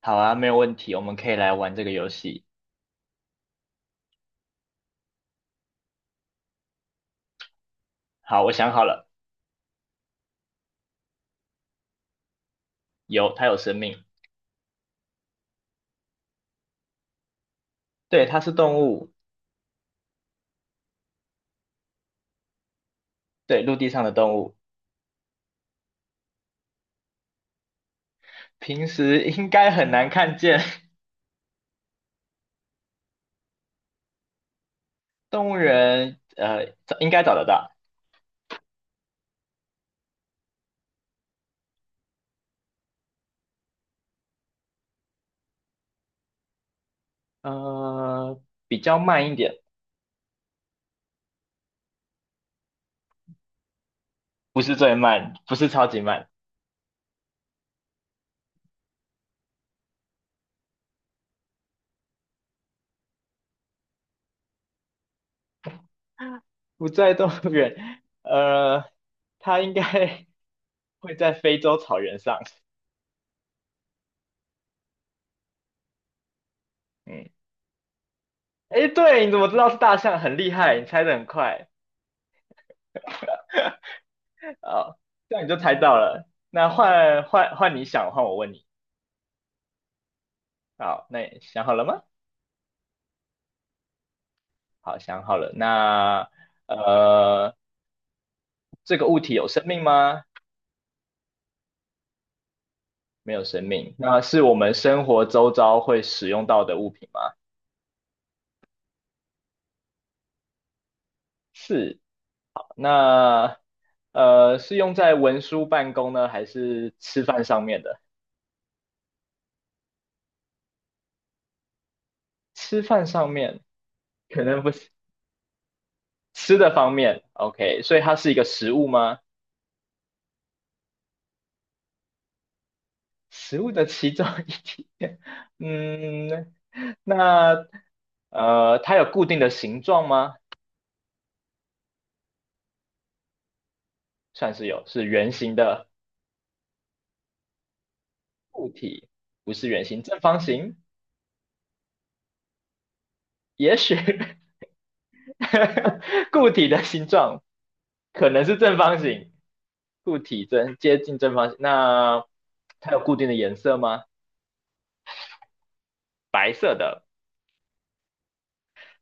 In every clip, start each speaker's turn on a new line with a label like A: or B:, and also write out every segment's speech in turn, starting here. A: 好啊，没有问题，我们可以来玩这个游戏。好，我想好了，有，它有生命，对，它是动物，对，陆地上的动物，平时应该很难看见，动物园找应该找得到，呃，比较慢一点，不是最慢，不是超级慢，不在动物园，它应该 会在非洲草原上，嗯，诶，对，你怎么知道是大象？很厉害，你猜的很快，哦，这样你就猜到了。那换你想，换我问你。好，那你想好了吗？好，想好了。那呃，这个物体有生命吗？没有生命。那是我们生活周遭会使用到的物品吗？是。那是用在文书办公呢，还是吃饭上面的？吃饭上面可能不是吃的方面。OK，所以它是一个食物吗？食物的其中一点，嗯，那它有固定的形状吗？算是有，是圆形的固体，不是圆形，正方形，也许 固体的形状可能是正方形，固体正接近正方形。那它有固定的颜色吗？白色的。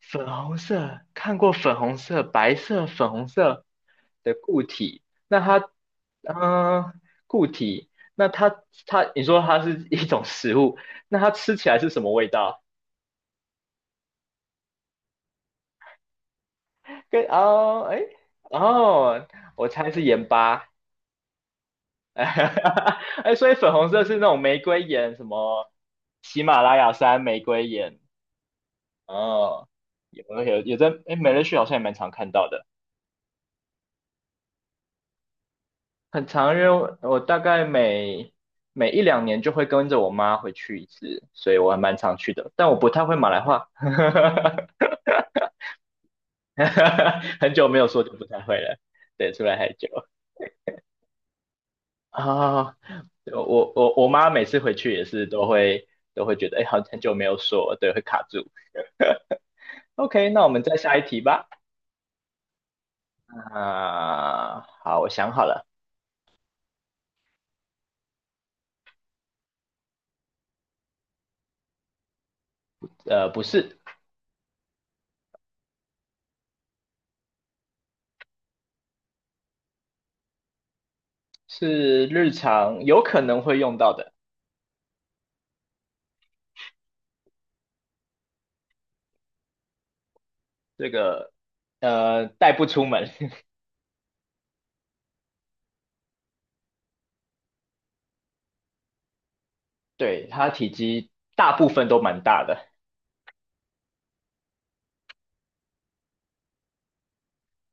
A: 粉红色，看过粉红色、白色、粉红色的固体，那它，嗯、固体，那它，你说它是一种食物，那它吃起来是什么味道？跟哦，哎，哦，我猜是盐巴，哎，所以粉红色是那种玫瑰盐，什么喜马拉雅山玫瑰盐，哦，有有有在，哎，美乐趣好像也蛮常看到的。很常，因为我大概每一两年就会跟着我妈回去一次，所以我还蛮常去的。但我不太会马来话，很久没有说就不太会了。对，出来太久啊，对我妈每次回去也是都会觉得，哎，好很久没有说了，对，会卡住。OK，那我们再下一题吧。啊，好，我想好了，呃，不是，是日常有可能会用到的，这个带不出门。对，它体积大部分都蛮大的，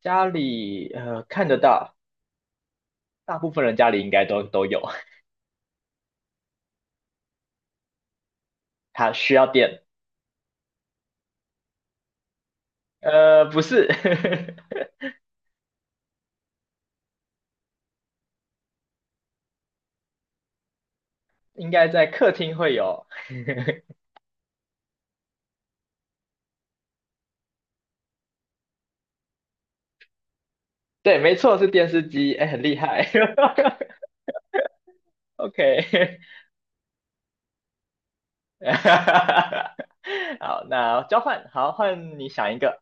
A: 家里看得到，大部分人家里应该都有。它需要电，不是，应该在客厅会有。对，没错，是电视机，哎，很厉害。OK，好，那交换，好，换你想一个，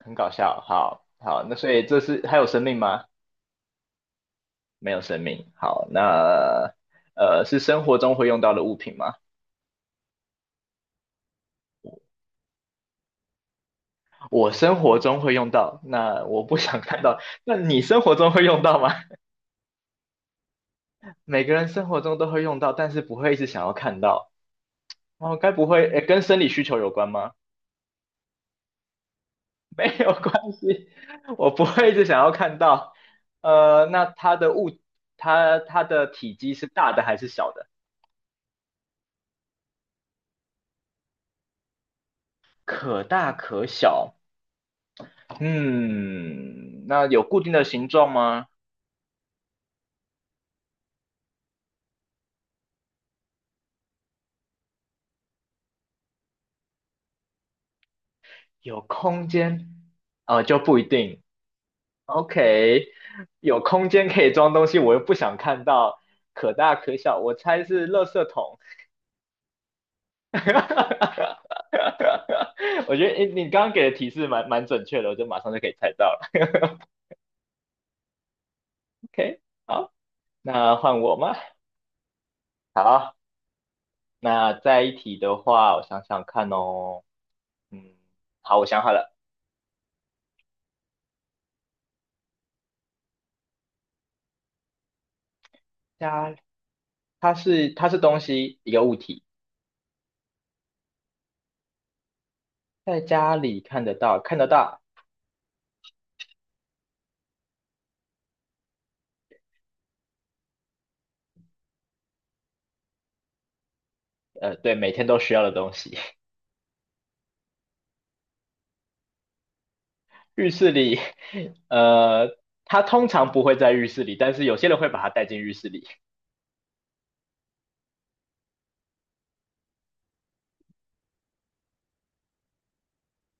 A: 很搞笑。好，好，那所以这是还有生命吗？没有生命。好，那是生活中会用到的物品吗？我生活中会用到，那我不想看到。那你生活中会用到吗？每个人生活中都会用到，但是不会一直想要看到。哦，该不会，诶，跟生理需求有关吗？没有关系，我不会一直想要看到。那它的物，它的体积是大的还是小的？可大可小。嗯，那有固定的形状吗？有空间？就不一定。OK，有空间可以装东西，我又不想看到可大可小，我猜是垃圾桶。我觉得，诶，你刚刚给的提示蛮准确的，我就马上就可以猜到了。OK，好，那换我吗？好，那再一题的话，我想想看哦。嗯，好，我想好了，家，它是东西，一个物体，在家里看得到，看得到，对，每天都需要的东西。浴室里，呃，他通常不会在浴室里，但是有些人会把它带进浴室里。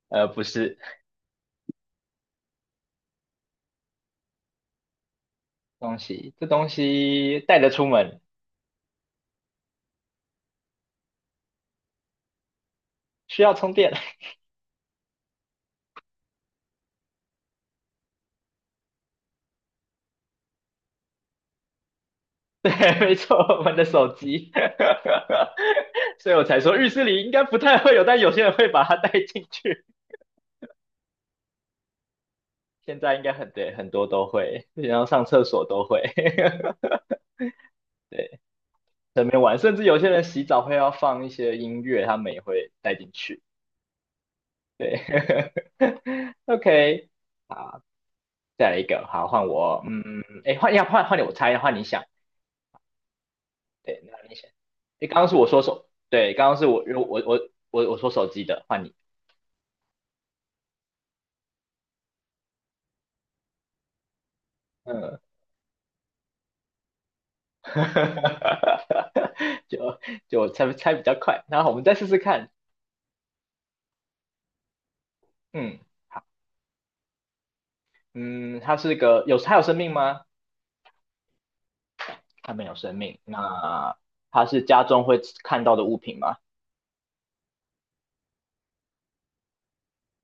A: 不是东西，这东西带着出门需要充电。对，没错，我们的手机。所以我才说浴室里应该不太会有，但有些人会把它带进去。现在应该很对，很多都会，然后上厕所都会。对，在那边玩，甚至有些人洗澡会要放一些音乐，他们也会带进去。对 ，OK。好。再来一个，好，换我，嗯，哎，换你，我猜，换你想，对，那你想，哎，刚刚是我说手，对，刚刚是我说手机的，换你，嗯，就就我猜比较快，然后我们再试试看，嗯，好，嗯，它有生命吗？它没有生命，那它是家中会看到的物品吗？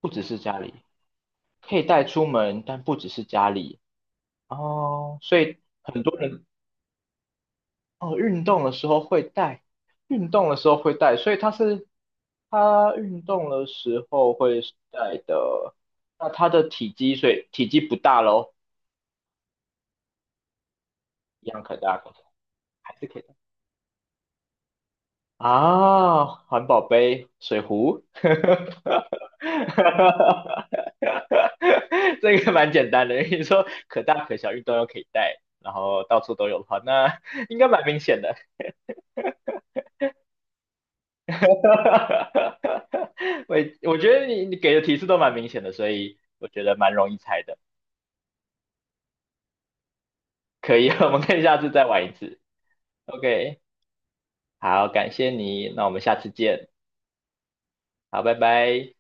A: 不只是家里，可以带出门，但不只是家里哦，所以很多人哦，运动的时候会带，运动的时候会带，所以它是它运动的时候会带的。那它的体积，所以体积不大喽，一样可大可小，还是可以的啊。环保杯、水壶，这个蛮简单的。你说可大可小，运动又可以带，然后到处都有的话，那应该蛮明显的。哈哈哈，我我觉得你给的提示都蛮明显的，所以我觉得蛮容易猜的。可以，我们可以下次再玩一次。OK，好，感谢你，那我们下次见。好，拜拜。